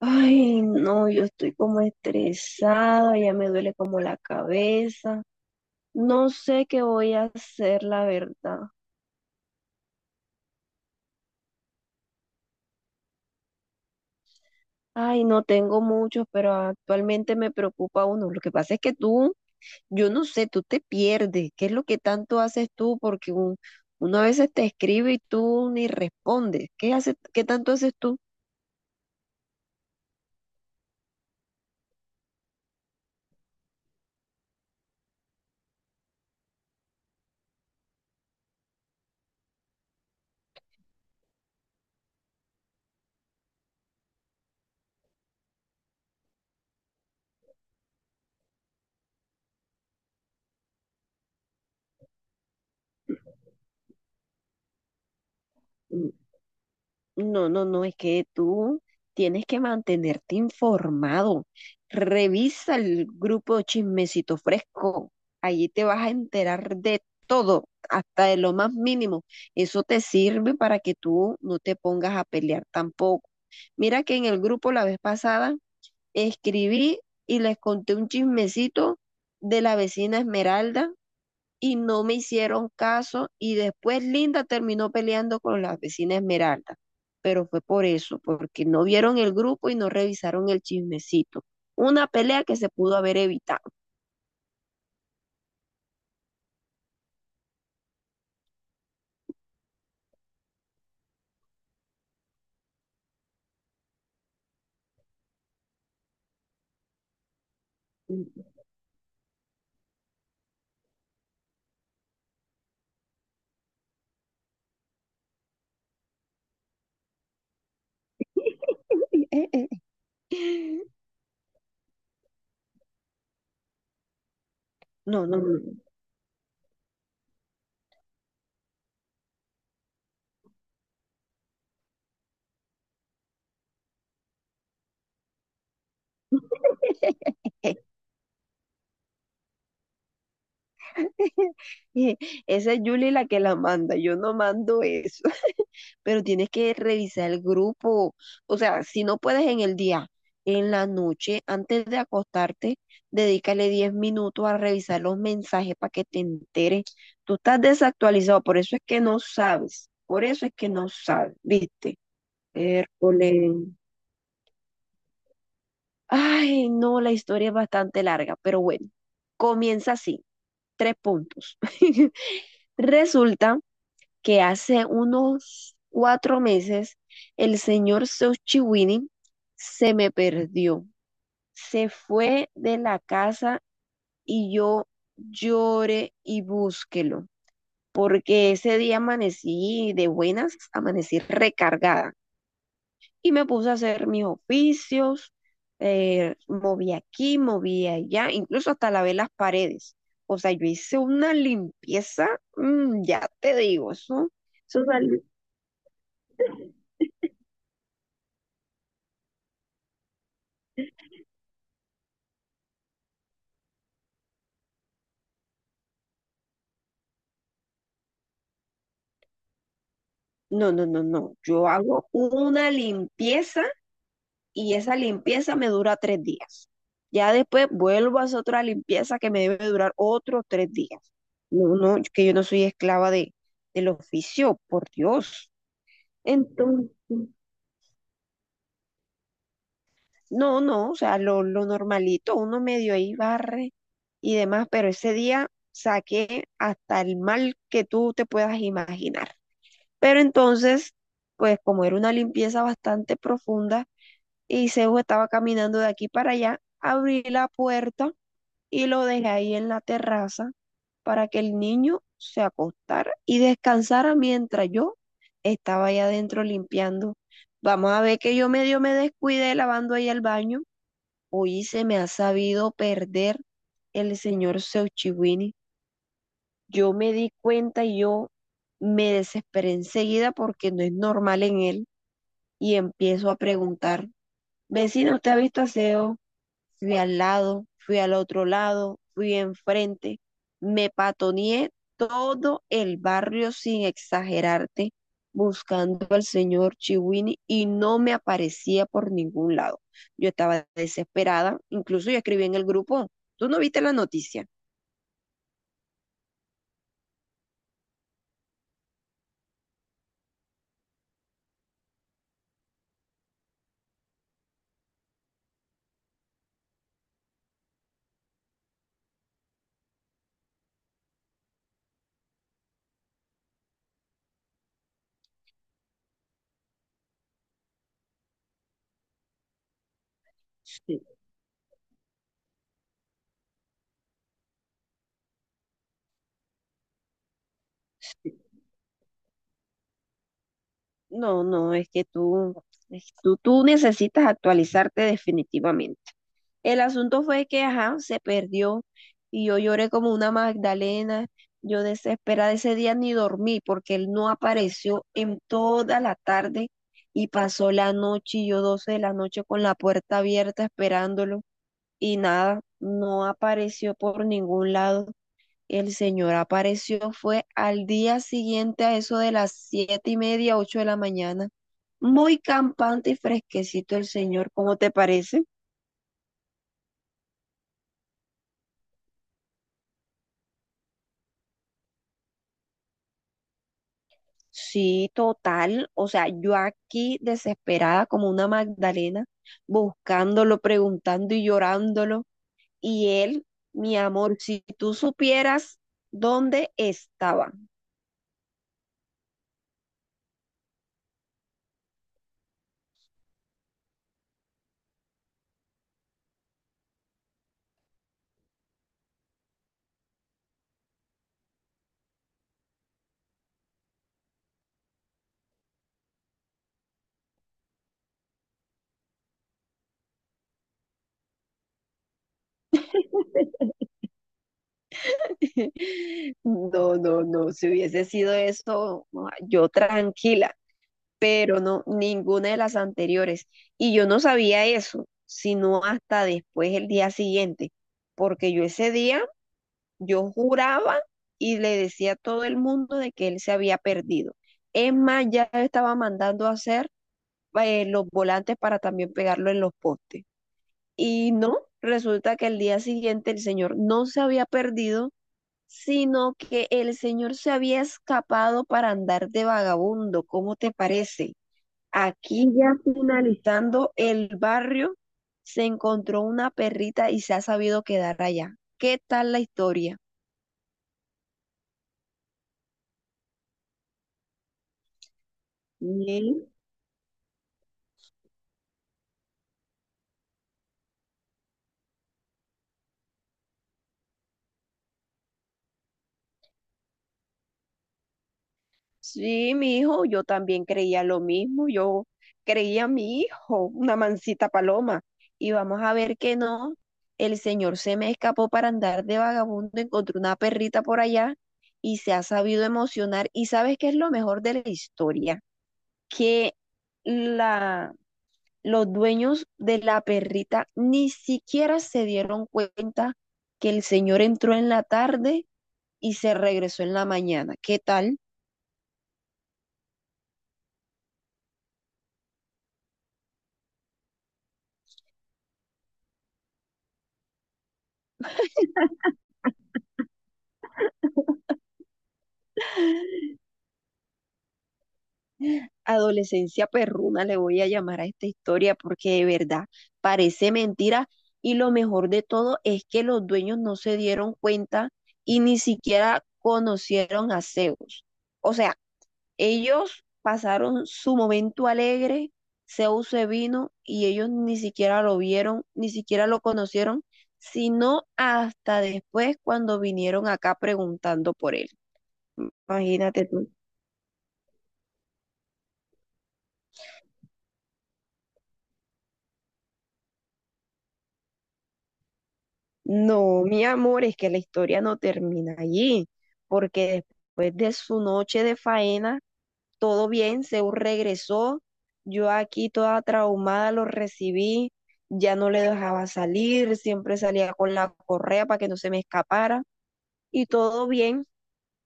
Ay, no, yo estoy como estresada, ya me duele como la cabeza. No sé qué voy a hacer, la verdad. Ay, no tengo muchos, pero actualmente me preocupa uno. Lo que pasa es que tú, yo no sé, tú te pierdes. ¿Qué es lo que tanto haces tú? Porque uno a veces te escribe y tú ni respondes. ¿Qué haces, qué tanto haces tú? No, no, no, es que tú tienes que mantenerte informado. Revisa el grupo Chismecito Fresco. Allí te vas a enterar de todo, hasta de lo más mínimo. Eso te sirve para que tú no te pongas a pelear tampoco. Mira que en el grupo la vez pasada escribí y les conté un chismecito de la vecina Esmeralda y no me hicieron caso y después Linda terminó peleando con la vecina Esmeralda, pero fue por eso, porque no vieron el grupo y no revisaron el chismecito. Una pelea que se pudo haber evitado. No, no, no. Esa es Julie la que la manda, yo no mando eso. Pero tienes que revisar el grupo. O sea, si no puedes en el día, en la noche, antes de acostarte, dedícale 10 minutos a revisar los mensajes para que te enteres. Tú estás desactualizado, por eso es que no sabes, por eso es que no sabes, ¿viste? Hércules. Ay, no, la historia es bastante larga, pero bueno, comienza así, tres puntos. Resulta que hace unos 4 meses el señor Xochiwini se me perdió. Se fue de la casa y yo lloré y búsquelo, porque ese día amanecí de buenas, amanecí recargada y me puse a hacer mis oficios, moví aquí, moví allá, incluso hasta lavé las paredes. O sea, yo hice una limpieza, ya te digo, eso salió. No, no, no, no. Yo hago una limpieza y esa limpieza me dura 3 días. Ya después vuelvo a hacer otra limpieza que me debe durar otros 3 días. No, no, que yo no soy esclava de, del oficio, por Dios. Entonces, no, no, o sea, lo normalito, uno medio ahí barre y demás, pero ese día saqué hasta el mal que tú te puedas imaginar. Pero entonces, pues como era una limpieza bastante profunda, y Zeus estaba caminando de aquí para allá, abrí la puerta y lo dejé ahí en la terraza para que el niño se acostara y descansara mientras yo estaba allá adentro limpiando. Vamos a ver que yo medio me descuidé lavando ahí el baño. Hoy se me ha sabido perder el señor Zeus Chiwini. Yo me di cuenta y yo me desesperé enseguida porque no es normal en él y empiezo a preguntar, vecina, ¿usted ha visto a Zeus? Fui al lado, fui al otro lado, fui enfrente, me patoneé todo el barrio sin exagerarte, buscando al señor Chiwini y no me aparecía por ningún lado. Yo estaba desesperada, incluso yo escribí en el grupo, ¿tú no viste la noticia? Sí, sí. No, no, es que tú, tú necesitas actualizarte definitivamente. El asunto fue que, ajá, se perdió y yo lloré como una magdalena. Yo desesperada ese día ni dormí porque él no apareció en toda la tarde y pasó la noche y yo 12 de la noche con la puerta abierta esperándolo y nada, no apareció por ningún lado. El señor apareció fue al día siguiente a eso de las 7:30, 8 de la mañana. Muy campante y fresquecito el señor, ¿cómo te parece? Sí, total. O sea, yo aquí desesperada como una Magdalena, buscándolo, preguntando y llorándolo. Y él, mi amor, si tú supieras dónde estaba. No, no, no. Si hubiese sido eso, ah, yo tranquila, pero no, ninguna de las anteriores. Y yo no sabía eso, sino hasta después el día siguiente, porque yo ese día... Yo juraba y le decía a todo el mundo de que él se había perdido. Es más, ya estaba mandando a hacer los volantes para también pegarlo en los postes. Y no, resulta que el día siguiente el señor no se había perdido, sino que el señor se había escapado para andar de vagabundo. ¿Cómo te parece? Aquí ya finalizando el barrio, se encontró una perrita y se ha sabido quedar allá. ¿Qué tal la historia? Bien. Sí, mi hijo, yo también creía lo mismo, yo creía a mi hijo, una mansita paloma, y vamos a ver que no, el señor se me escapó para andar de vagabundo, encontró una perrita por allá y se ha sabido emocionar. ¿Y sabes qué es lo mejor de la historia? Que la, los dueños de la perrita ni siquiera se dieron cuenta que el señor entró en la tarde y se regresó en la mañana. ¿Qué tal? Adolescencia perruna le voy a llamar a esta historia porque de verdad parece mentira y lo mejor de todo es que los dueños no se dieron cuenta y ni siquiera conocieron a Zeus. O sea, ellos pasaron su momento alegre, Zeus se vino y ellos ni siquiera lo vieron, ni siquiera lo conocieron, sino hasta después cuando vinieron acá preguntando por él. Imagínate tú. No, mi amor, es que la historia no termina allí, porque después de su noche de faena, todo bien, Zeus regresó, yo aquí toda traumada lo recibí, ya no le dejaba salir, siempre salía con la correa para que no se me escapara, y todo bien,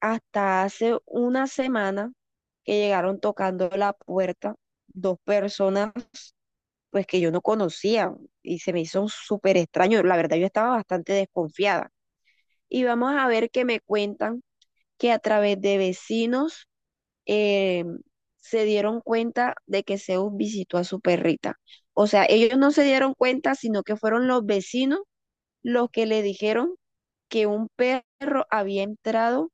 hasta hace una semana que llegaron tocando la puerta dos personas pues que yo no conocía, y se me hizo súper extraño, la verdad yo estaba bastante desconfiada. Y vamos a ver que me cuentan que a través de vecinos, eh, se dieron cuenta de que Zeus visitó a su perrita. O sea, ellos no se dieron cuenta, sino que fueron los vecinos los que le dijeron que un perro había entrado,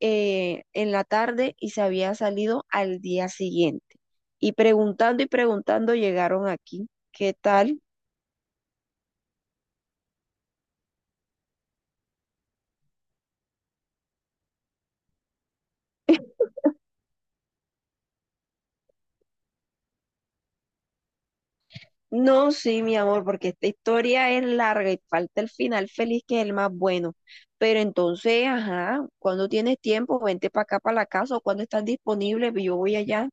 en la tarde y se había salido al día siguiente. Y preguntando llegaron aquí. ¿Qué tal? No, sí, mi amor, porque esta historia es larga y falta el final feliz que es el más bueno. Pero entonces, ajá, cuando tienes tiempo, vente para acá, para la casa, o cuando estás disponible, yo voy allá.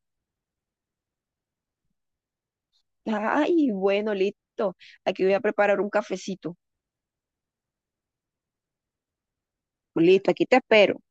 Ay, bueno, listo. Aquí voy a preparar un cafecito. Listo, aquí te espero.